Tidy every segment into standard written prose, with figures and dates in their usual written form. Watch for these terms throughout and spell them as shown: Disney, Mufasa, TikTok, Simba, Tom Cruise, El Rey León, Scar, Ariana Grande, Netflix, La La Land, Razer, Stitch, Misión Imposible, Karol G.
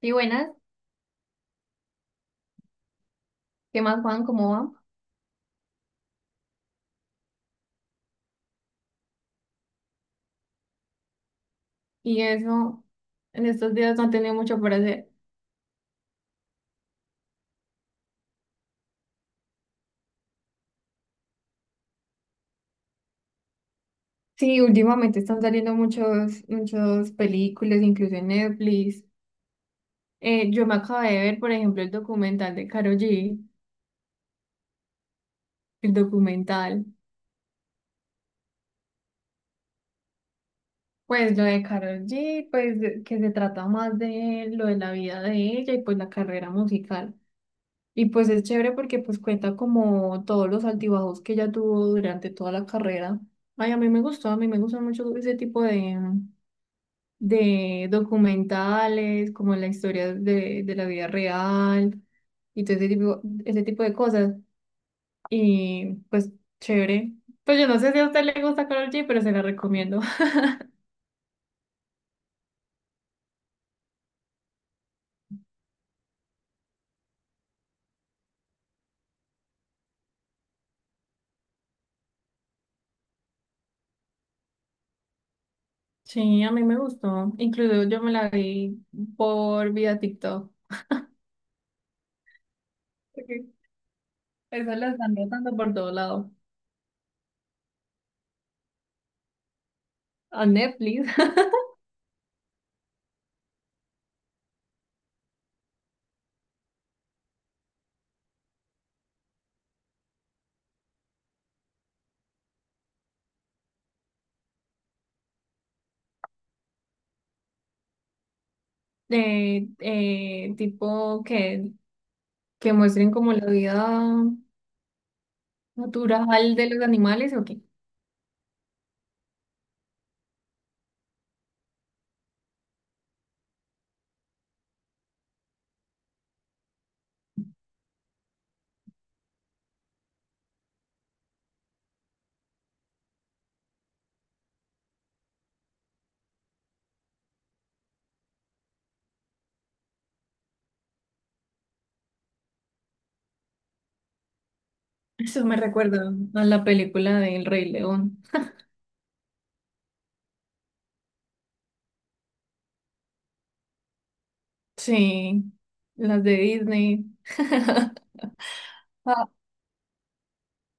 Y buenas, ¿qué más, Juan? ¿Cómo va? Y eso, en estos días no han tenido mucho por hacer. Sí, últimamente están saliendo muchas películas, incluso en Netflix. Yo me acabé de ver, por ejemplo, el documental de Karol G, el documental. Pues lo de Karol G, pues que se trata más de lo de la vida de ella y pues la carrera musical. Y pues es chévere porque pues cuenta como todos los altibajos que ella tuvo durante toda la carrera. Ay, a mí me gustó, a mí me gusta mucho ese tipo de documentales, como la historia de la vida real y todo ese ese tipo de cosas. Y pues chévere. Pues yo no sé si a usted le gusta Karol G, pero se la recomiendo. Sí, a mí me gustó. Incluso yo me la vi por vía TikTok. Porque Eso la están rotando por todo lado. A Netflix. Tipo que muestren como la vida natural de los animales, ¿o qué? Eso me recuerda a la película de El Rey León. Sí, las de Disney. Ah,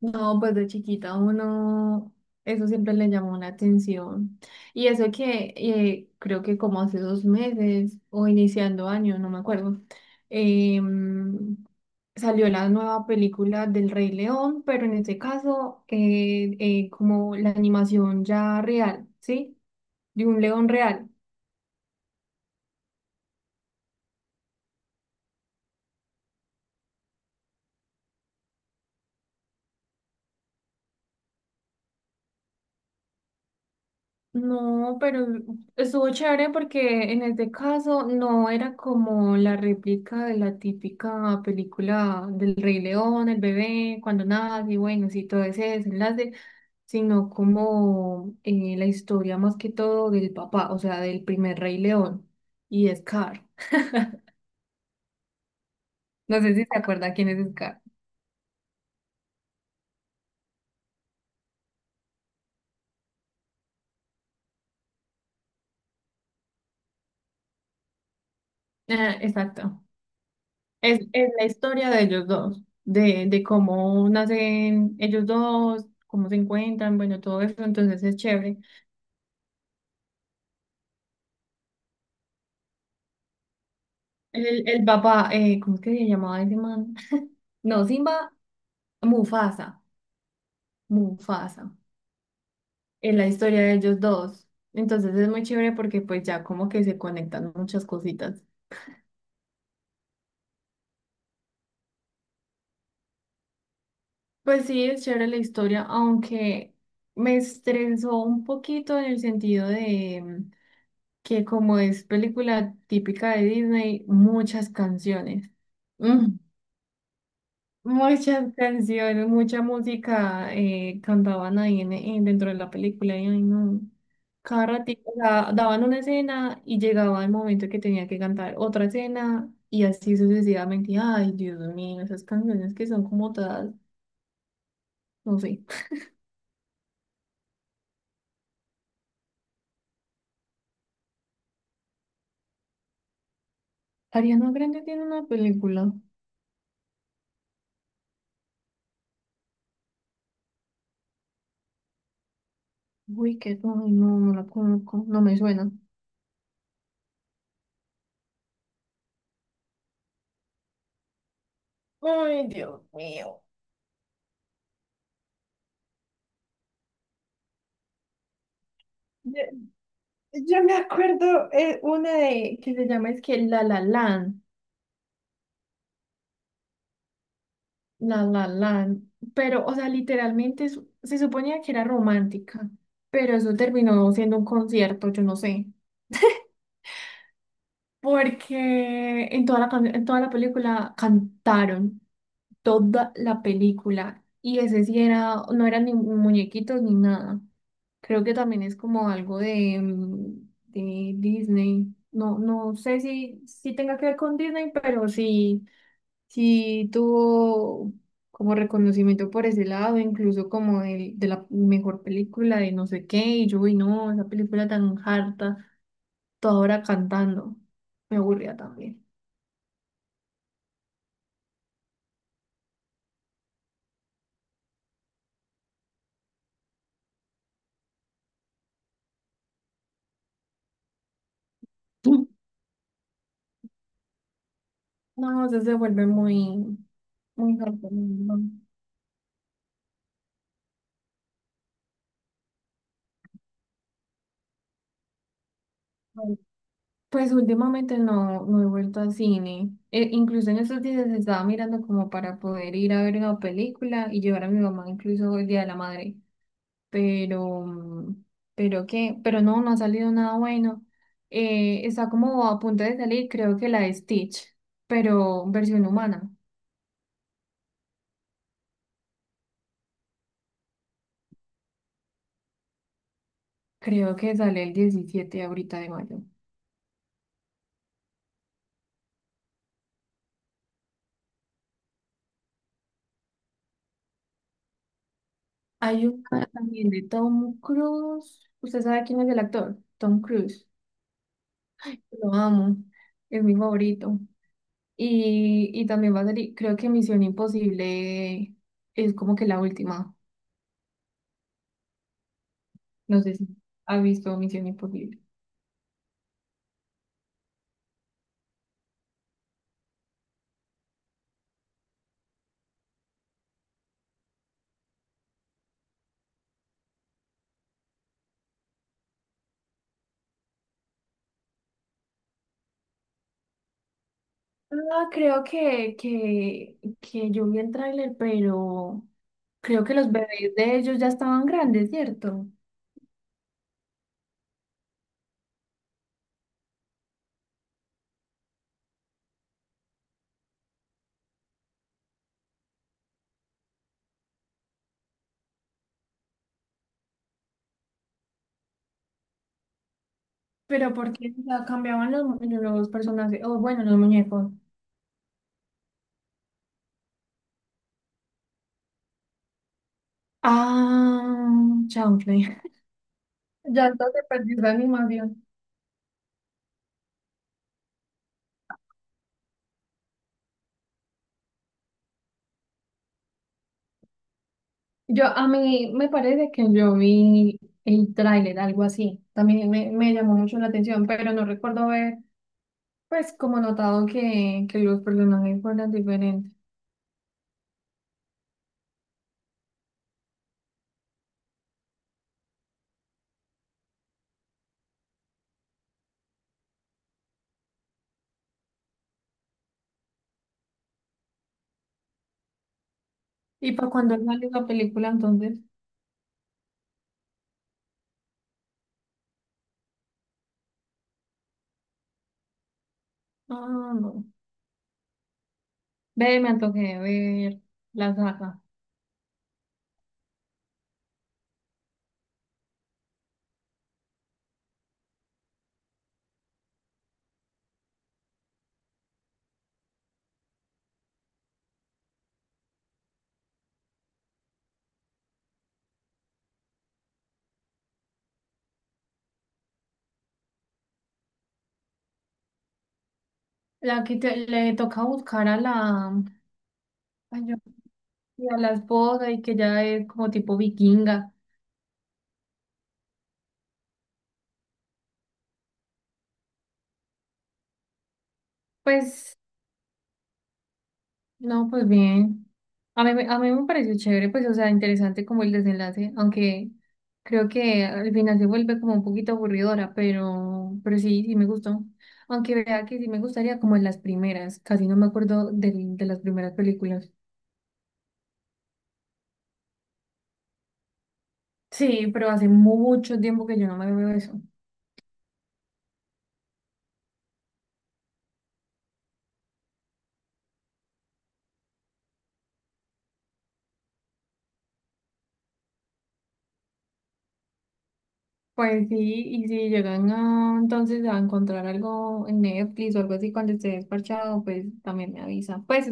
no, pues de chiquita uno, eso siempre le llamó la atención. Y eso que creo que como hace 2 meses o iniciando año, no me acuerdo, em, salió la nueva película del Rey León, pero en este caso como la animación ya real, ¿sí? De un león real. No, pero estuvo chévere porque en este caso no era como la réplica de la típica película del Rey León, el bebé, cuando nace, y bueno, sí, todo ese desenlace, sino como la historia más que todo del papá, o sea, del primer Rey León y Scar. No sé si se acuerda quién es Scar. Ah, exacto. Es la historia de ellos dos, de cómo nacen ellos dos, cómo se encuentran, bueno, todo eso, entonces es chévere. El papá, ¿cómo es que se llamaba ese man? No, Simba, Mufasa, Mufasa, en la historia de ellos dos. Entonces es muy chévere porque pues ya como que se conectan muchas cositas. Pues sí, es chévere la historia, aunque me estresó un poquito en el sentido de mm, que como es película típica de Disney, muchas canciones. Muchas canciones, mucha música cantaban ahí dentro de la película y ay, no. Cada ratito, o sea, daban una escena y llegaba el momento que tenía que cantar otra escena y así sucesivamente. Ay, Dios mío, esas canciones que son como todas, no sé. Ariana Grande tiene una película. Uy, qué ay, no, no la conozco, no me suena. Ay, Dios mío. Yo, yo me acuerdo una de que se llama es que La La Land. La La Land, pero, o sea, literalmente se suponía que era romántica, pero eso terminó siendo un concierto, yo no sé, porque en toda en toda la película cantaron, toda la película, y ese sí era, no eran ni muñequitos ni nada, creo que también es como algo de, de Disney, no, no sé si tenga que ver con Disney, pero sí. Sí tuvo como reconocimiento por ese lado, incluso como el, de la mejor película de no sé qué, y yo, uy, no, esa película tan harta, toda hora cantando, me aburría también. No, eso se vuelve muy harto, no, no. No. Pues últimamente no he vuelto al cine. E- incluso en estos días estaba mirando como para poder ir a ver una película y llevar a mi mamá incluso el Día de la Madre. Pero, mm, pero pero no, no ha salido nada bueno. Está como a punto de salir, creo que la de Stitch, pero versión humana. Creo que sale el 17 ahorita de mayo. Hay un ah, también de Tom Cruise. ¿Usted sabe quién es el actor? Tom Cruise. Lo amo. Es mi favorito. Y también va a salir, creo que Misión Imposible es como que la última. No sé si ha visto Misión Imposible. Ah, creo que yo vi el tráiler, pero creo que los bebés de ellos ya estaban grandes, ¿cierto? Pero porque cambiaban los personajes, o bueno, los muñecos. Ah, chanfle. Ya entonces perdí la animación. Yo, a mí me parece que yo vi el tráiler, algo así. También me llamó mucho la atención, pero no recuerdo haber, pues, como notado que los personajes fueran diferentes. Y para cuando salió la película, entonces, ah, no. Ve, me antojé de ver la saga. La que le toca buscar a la, ay, yo- a la esposa y que ya es como tipo vikinga. Pues no, pues bien. A mí me pareció chévere, pues, o sea, interesante como el desenlace, aunque creo que al final se vuelve como un poquito aburridora, pero sí, sí me gustó. Aunque vea que sí me gustaría como en las primeras, casi no me acuerdo de las primeras películas. Sí, pero hace mucho tiempo que yo no me veo eso. Pues sí, y si llegan a, entonces a encontrar algo en Netflix o algo así cuando esté desparchado, pues también me avisa. Pues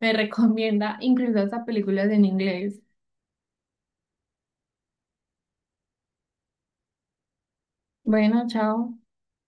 me recomienda incluso hasta películas en inglés. Bueno, chao.